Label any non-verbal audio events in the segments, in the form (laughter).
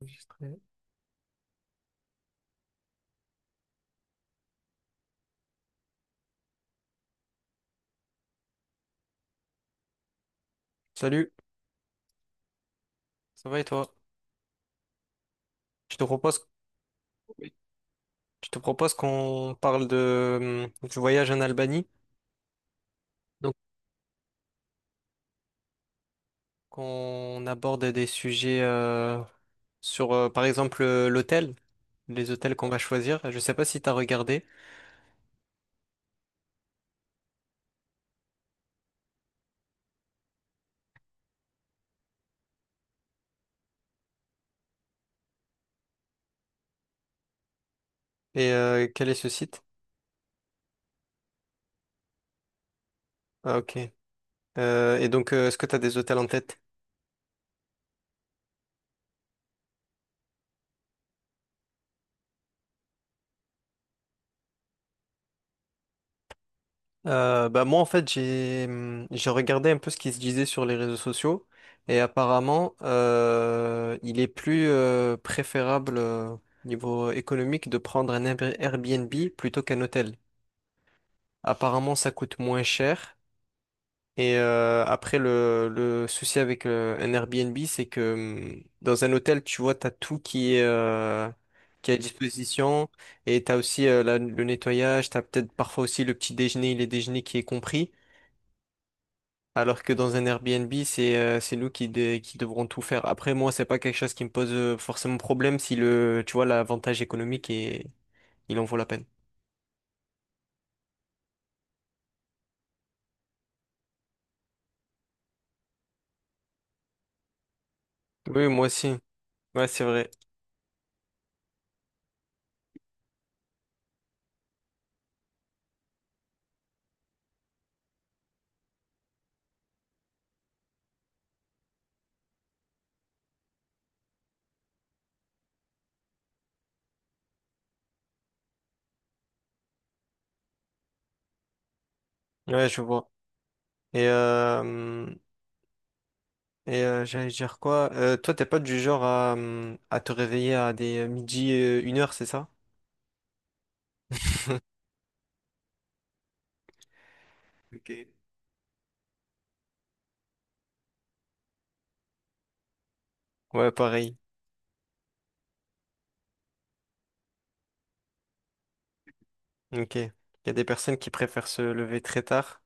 Enregistré. Salut, ça va et toi? Je te propose, je te propose qu'on parle de, du voyage en Albanie, donc qu'on aborde des sujets sur, par exemple, l'hôtel, les hôtels qu'on va choisir. Je sais pas si tu as regardé. Et quel est ce site? Ah ok. Et donc, est-ce que tu as des hôtels en tête? Bah moi, en fait, j'ai regardé un peu ce qui se disait sur les réseaux sociaux et apparemment, il est plus préférable niveau économique de prendre un Airbnb plutôt qu'un hôtel. Apparemment, ça coûte moins cher. Et après, le souci avec un Airbnb, c'est que dans un hôtel, tu vois, tu as tout qui est à disposition. Et tu as aussi le nettoyage, tu as peut-être parfois aussi le petit déjeuner, les déjeuners qui est compris. Alors que dans un Airbnb, c'est nous qui devrons tout faire. Après, moi, c'est pas quelque chose qui me pose forcément problème si le tu vois, l'avantage économique est, il en vaut la peine. Oui, moi aussi. Ouais, c'est vrai. Ouais, je vois. Et et j'allais dire quoi? Toi, t'es pas du genre à te réveiller à des midi, une heure, c'est ça? (laughs) Ouais, pareil. Ok. Il y a des personnes qui préfèrent se lever très tard.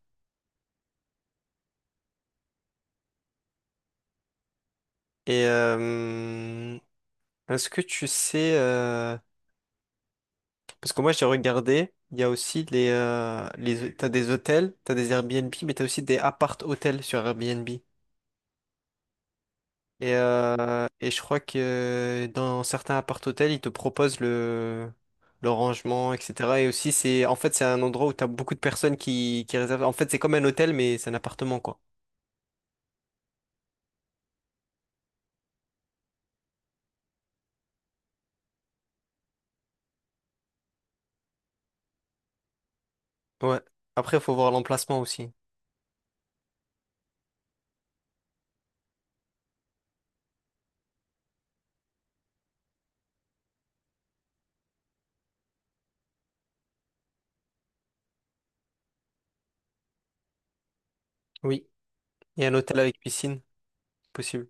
Et hum, est-ce que tu sais... Parce que moi, j'ai regardé, il y a aussi les... T'as des hôtels, t'as des Airbnb, mais t'as aussi des appart-hôtels sur Airbnb. Et je crois que dans certains appart-hôtels, ils te proposent le rangement, etc. Et aussi, c'est, en fait, c'est un endroit où tu as beaucoup de personnes qui réservent. En fait, c'est comme un hôtel, mais c'est un appartement, quoi. Ouais. Après, il faut voir l'emplacement aussi. Oui. Et un hôtel avec piscine, possible.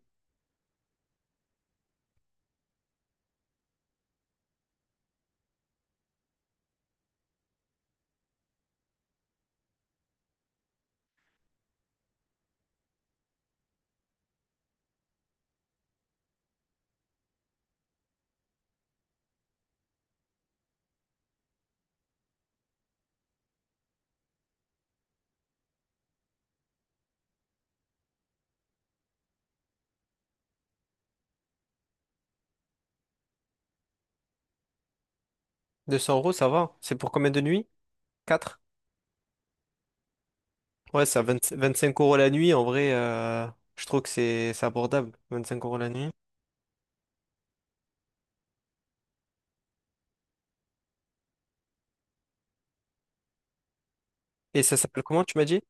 200 euros, ça va. C'est pour combien de nuits? Quatre. Ouais, c'est à 20 25 euros la nuit. En vrai, je trouve que c'est abordable. 25 euros la nuit. Et ça s'appelle comment, tu m'as dit?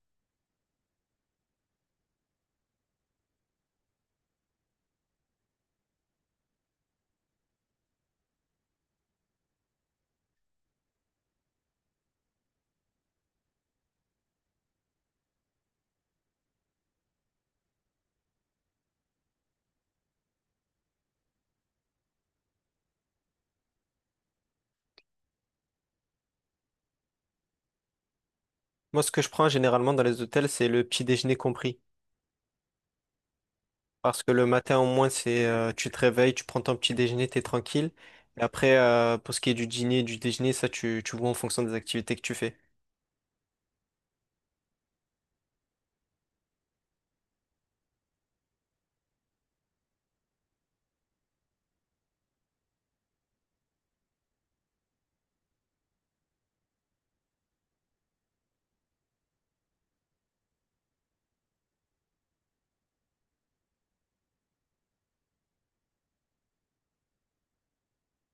Moi, ce que je prends généralement dans les hôtels, c'est le petit déjeuner compris. Parce que le matin, au moins, c'est tu te réveilles, tu prends ton petit déjeuner, t'es tranquille. Et après, pour ce qui est du dîner, du déjeuner, ça, tu vois en fonction des activités que tu fais.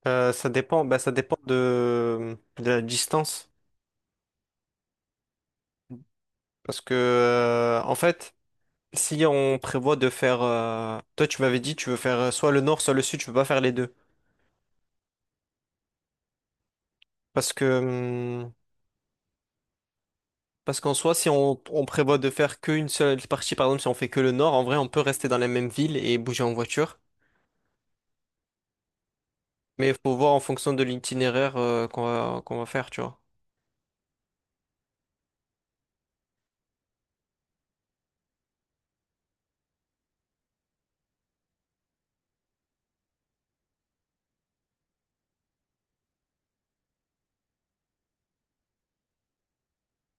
Ça dépend, bah, ça dépend de la distance. Parce que, en fait, si on prévoit de faire. Toi, tu m'avais dit, tu veux faire soit le nord, soit le sud, tu peux pas faire les deux. Parce que. Parce qu'en soi, si on, on prévoit de faire qu'une seule partie, par exemple, si on fait que le nord, en vrai, on peut rester dans la même ville et bouger en voiture. Mais il faut voir en fonction de l'itinéraire qu'on va faire, tu vois.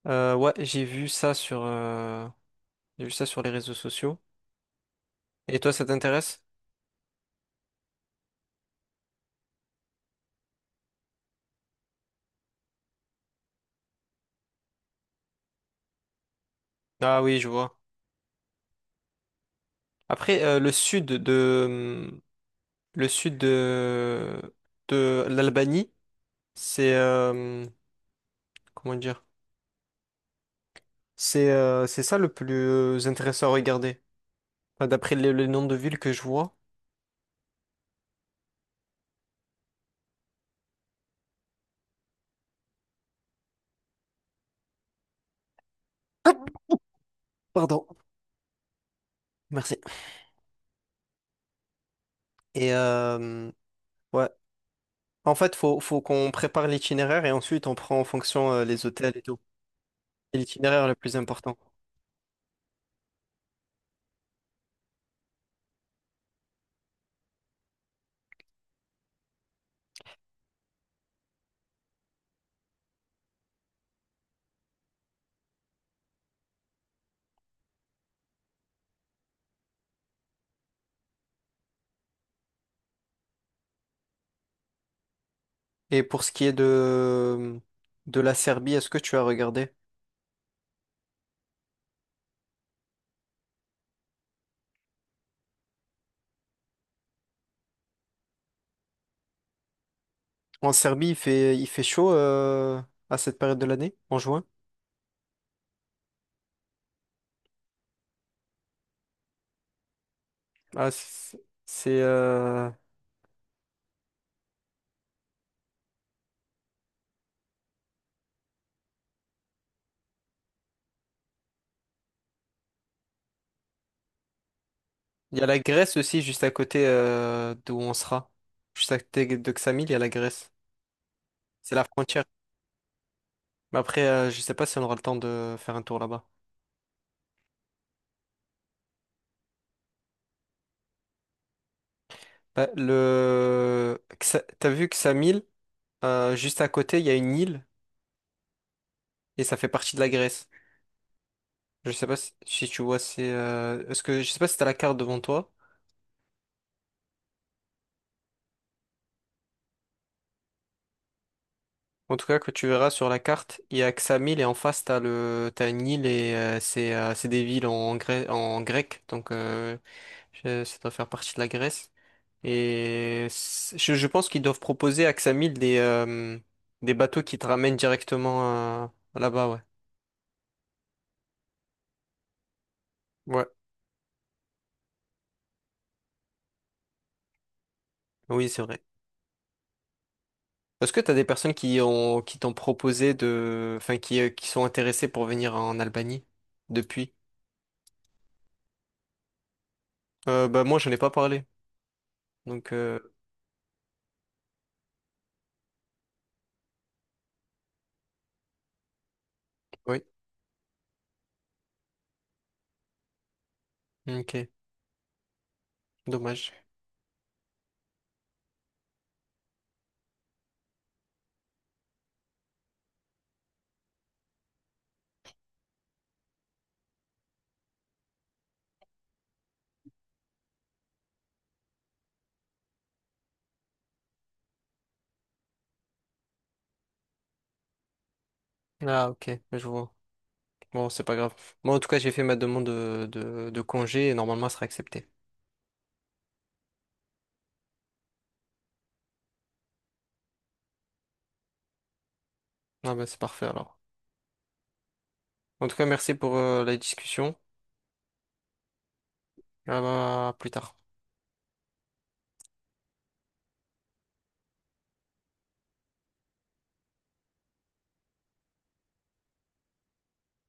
Ouais, j'ai vu ça sur, j'ai vu ça sur les réseaux sociaux. Et toi, ça t'intéresse? Ah oui, je vois. Après, le sud de l'Albanie, c'est, euh, comment dire? C'est ça le plus intéressant à regarder. Enfin, d'après le nombre de villes que je vois. Pardon. Merci. Et ouais, en fait, faut qu'on prépare l'itinéraire et ensuite on prend en fonction les hôtels et tout. C'est l'itinéraire le plus important. Et pour ce qui est de la Serbie, est-ce que tu as regardé? En Serbie, il fait chaud à cette période de l'année, en juin. Ah, c'est, c'est, euh, Il y a la Grèce aussi, juste à côté d'où on sera. Juste à côté de Ksamil, il y a la Grèce. C'est la frontière. Mais après, je sais pas si on aura le temps de faire un tour là-bas. Bah, T'as vu que Samil, juste à côté, il y a une île et ça fait partie de la Grèce. Je sais pas si, si tu vois, est-ce que je sais pas si t'as la carte devant toi. En tout cas, que tu verras sur la carte, il y a que Xamil et en face t'as une île et c'est des villes en grec donc ça doit faire partie de la Grèce et je pense qu'ils doivent proposer à Xamil des bateaux qui te ramènent directement là-bas, ouais. Ouais. Oui, c'est vrai. Est-ce que tu as des personnes qui t'ont proposé de qui sont intéressées pour venir en Albanie depuis? Bah moi je n'ai pas parlé. Donc oui, OK, dommage. Ah OK, je vois. Bon, c'est pas grave. Moi en tout cas, j'ai fait ma demande de congé et normalement elle sera acceptée. Ah bah c'est parfait alors. En tout cas, merci pour la discussion. Ah bah, à plus tard.